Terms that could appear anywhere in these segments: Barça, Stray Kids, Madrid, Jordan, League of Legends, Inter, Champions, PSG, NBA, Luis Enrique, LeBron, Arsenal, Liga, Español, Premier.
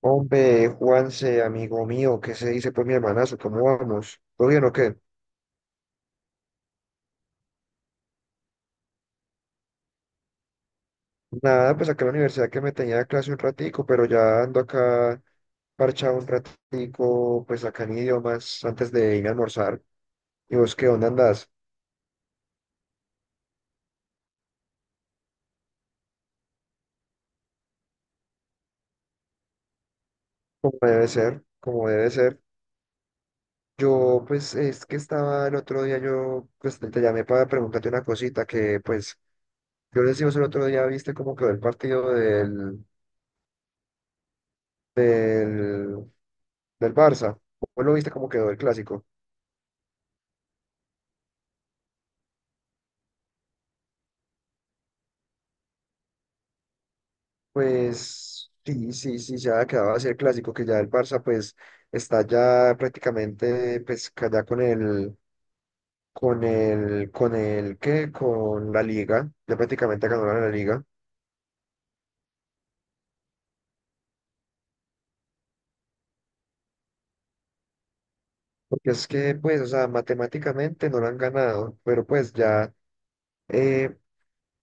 Hombre, Juanse, amigo mío, ¿qué se dice? Pues mi hermanazo, ¿cómo vamos? ¿Todo bien o qué? Nada, pues acá en la universidad que me tenía clase un ratico, pero ya ando acá parchado un ratico, pues acá en idiomas, antes de irme a almorzar. ¿Y vos qué onda andás? Como debe ser, como debe ser. Yo, pues, es que estaba el otro día, yo, pues, te llamé para preguntarte una cosita que, pues, yo les decimos el otro día, ¿viste cómo quedó el partido del, del Barça? ¿Vos lo viste cómo quedó el clásico? Pues sí, sí, sí, ya quedaba así el clásico, que ya el Barça pues está ya prácticamente pues ya con el, ¿qué? Con la Liga, ya prácticamente ganaron la Liga, porque es que pues, o sea, matemáticamente no la han ganado, pero pues ya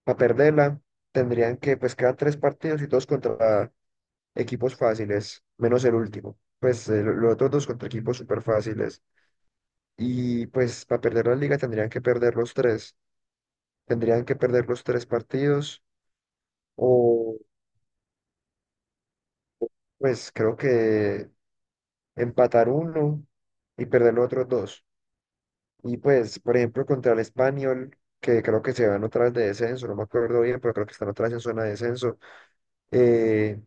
para perderla tendrían que pues quedar tres partidos y todos contra equipos fáciles, menos el último, pues los otros dos contra equipos súper fáciles, y pues para perder la Liga tendrían que perder los tres. Tendrían que perder los tres partidos o pues creo que empatar uno y perder los otros dos. Y pues, por ejemplo, contra el Español, que creo que se van otra vez de descenso, no me acuerdo bien, pero creo que están otra vez en zona de descenso, eh,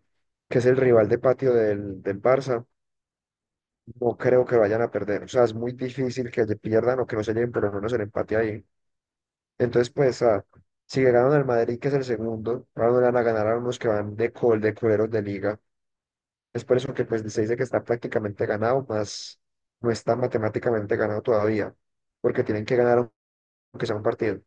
que es el rival de patio del Barça, no creo que vayan a perder. O sea, es muy difícil que le pierdan o que no se lleven por lo menos el empate ahí. Entonces, pues, si le ganan al Madrid, que es el segundo, ahora no le van a ganar a unos que van de de coleros de liga. Es por eso que pues se dice que está prácticamente ganado, más no está matemáticamente ganado todavía, porque tienen que ganar aunque sea un partido.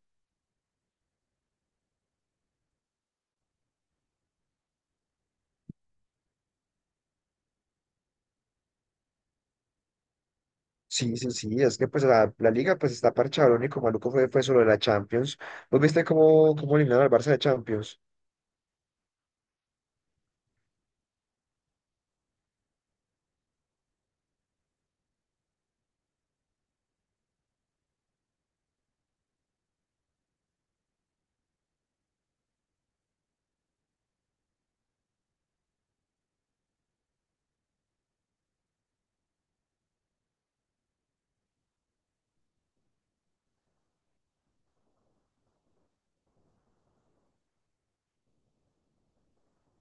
Sí, sí, sí, es que pues la liga pues está parchada, lo único maluco fue solo la Champions. ¿Vos viste cómo eliminaron al Barça de Champions?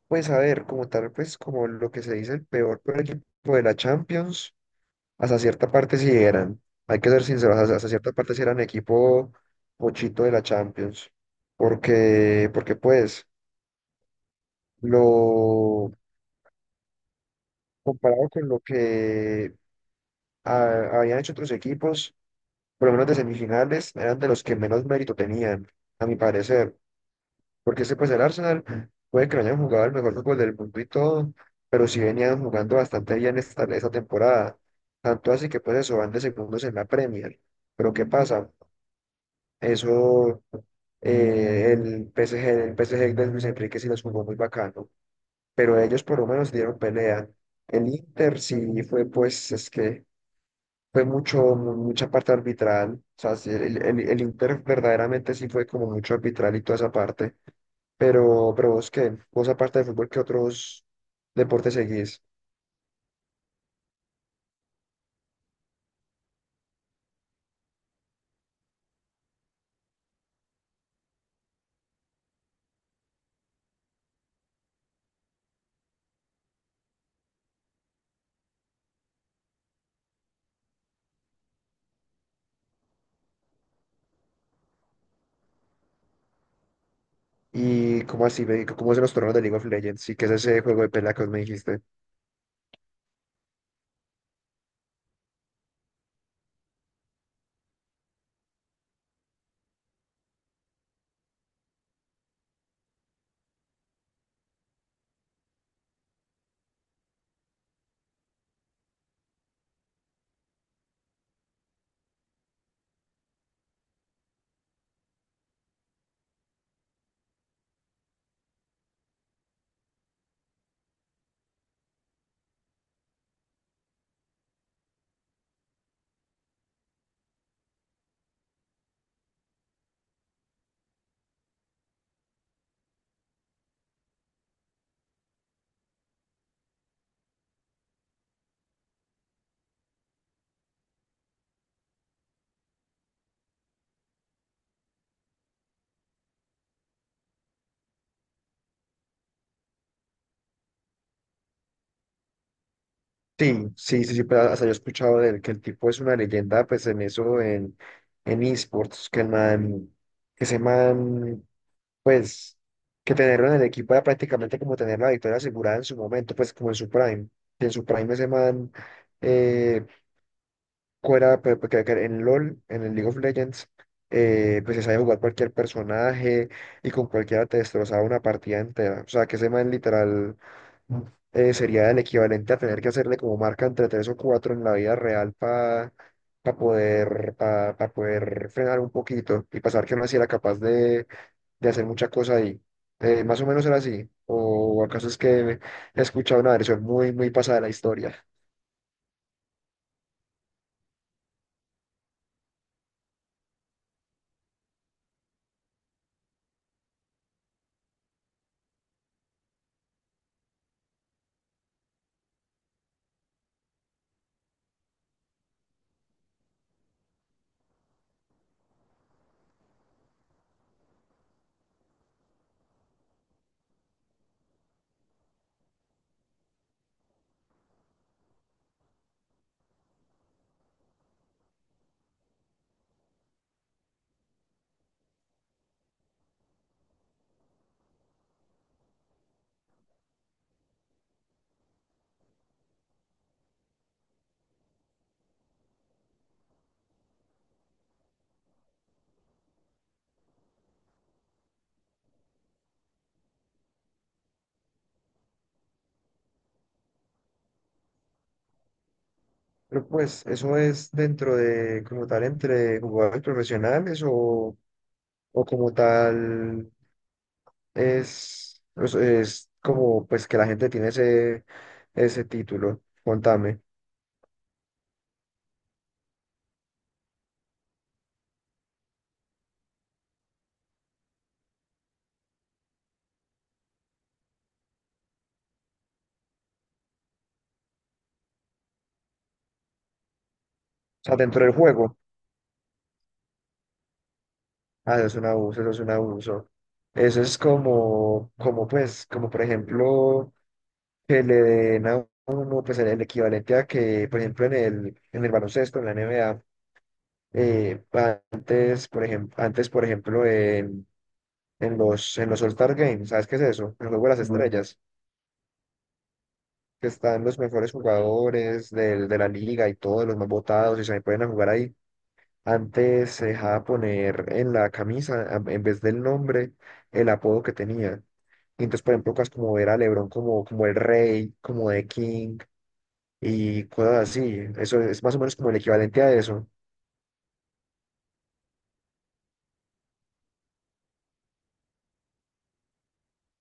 Pues a ver, como tal, pues como lo que se dice, el peor equipo de la Champions, hasta cierta parte sí eran, hay que ser sinceros, hasta cierta parte sí eran equipo pochito de la Champions, porque pues lo comparado con lo que habían hecho otros equipos, por lo menos de semifinales, eran de los que menos mérito tenían, a mi parecer. Porque ese, pues el Arsenal, puede que no hayan jugado el mejor fútbol del mundo y todo, pero sí venían jugando bastante bien esta temporada. Tanto así que, pues eso, van de segundos en la Premier. Pero ¿qué pasa? Eso, el P S PSG, el PSG de Luis Enrique sí los jugó muy bacano, pero ellos por lo menos dieron pelea. El Inter sí fue, pues, es que fue mucho, mucha parte arbitral, o sea, sí, el Inter verdaderamente sí fue como mucho arbitral y toda esa parte, pero vos qué, vos aparte de fútbol, ¿qué otros deportes seguís? Y cómo así, cómo es los torneos de League of Legends, sí, que es ese juego de pelea que vos me dijiste. Sí, sí, sí, sí, pero hasta yo he escuchado de él, que el tipo es una leyenda, pues en eso, en esports, que el man, que ese man pues que tenerlo en el equipo era prácticamente como tener la victoria asegurada en su momento, pues como en su prime. Y en su prime ese man, eh, fuera, que en LOL, en el League of Legends, pues se sabe jugar cualquier personaje y con cualquiera te destrozaba una partida entera. O sea, que ese man literal sería el equivalente a tener que hacerle como marca entre tres o cuatro en la vida real para para poder frenar un poquito y pasar que no así era capaz de hacer mucha cosa ahí. Más o menos era así. ¿O acaso es que he escuchado una versión muy, muy pasada de la historia? Pero pues, ¿eso es dentro de, como tal, entre jugadores profesionales o como tal es como pues que la gente tiene ese título? Contame. O sea, dentro del juego. Ah, eso es un abuso, eso es un abuso. Eso es como, como pues, como por ejemplo, que le den a uno pues el equivalente a que, por ejemplo, en el baloncesto, en la NBA, eh, antes, por ejemplo, en, en los All-Star Games, ¿sabes qué es eso? El juego de las Ujú estrellas, que están los mejores jugadores del, de la liga y todos los más votados y se pueden a jugar ahí. Antes se dejaba poner en la camisa, en vez del nombre, el apodo que tenía. Y entonces, por ejemplo, cosas como ver a LeBron como, como el rey, como The King, y cosas así. Eso es más o menos como el equivalente a eso.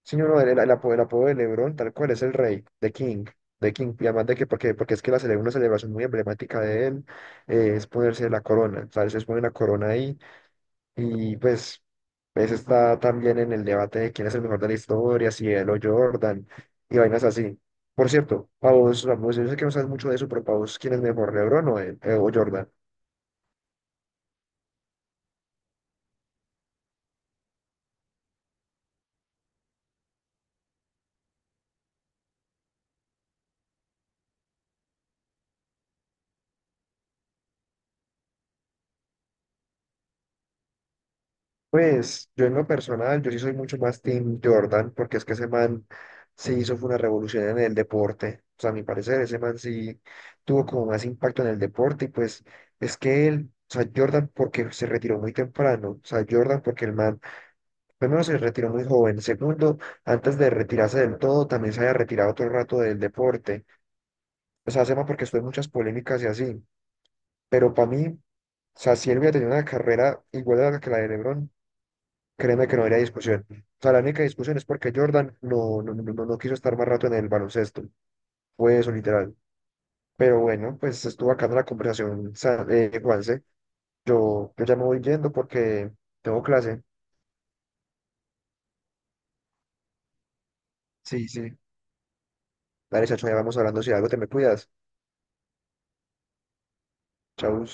Sí, no, no, el, el apodo de LeBron, tal cual, es el rey, The King, The King. Y además de que, porque, porque es que una celebración muy emblemática de él es ponerse la corona, ¿sabes? Es poner la corona ahí y pues, pues está también en el debate de quién es el mejor de la historia, si él o Jordan y vainas así. Por cierto, para vos, a vos, yo sé que no sabes mucho de eso, pero para vos, ¿quién es mejor, LeBron o, o Jordan? Pues yo en lo personal, yo sí soy mucho más Team Jordan, porque es que ese man se hizo fue una revolución en el deporte. O sea, a mi parecer, ese man sí tuvo como más impacto en el deporte y pues es que él, o sea, Jordan porque se retiró muy temprano, o sea, Jordan porque el man, primero se retiró muy joven, segundo, antes de retirarse del todo, también se había retirado otro rato del deporte. O sea, ese man porque estuvo en muchas polémicas y así, pero para mí, o sea, si él hubiera tenido una carrera igual a la que la de LeBron, créeme que no habría discusión. O sea, la única discusión es porque Jordan no quiso estar más rato en el baloncesto. Fue eso, literal. Pero bueno, pues estuvo acá en la conversación, Juanse. Yo ya me voy yendo porque tengo clase. Sí, sí. Dale, chacho, ya vamos hablando. Si algo te me cuidas. Chau.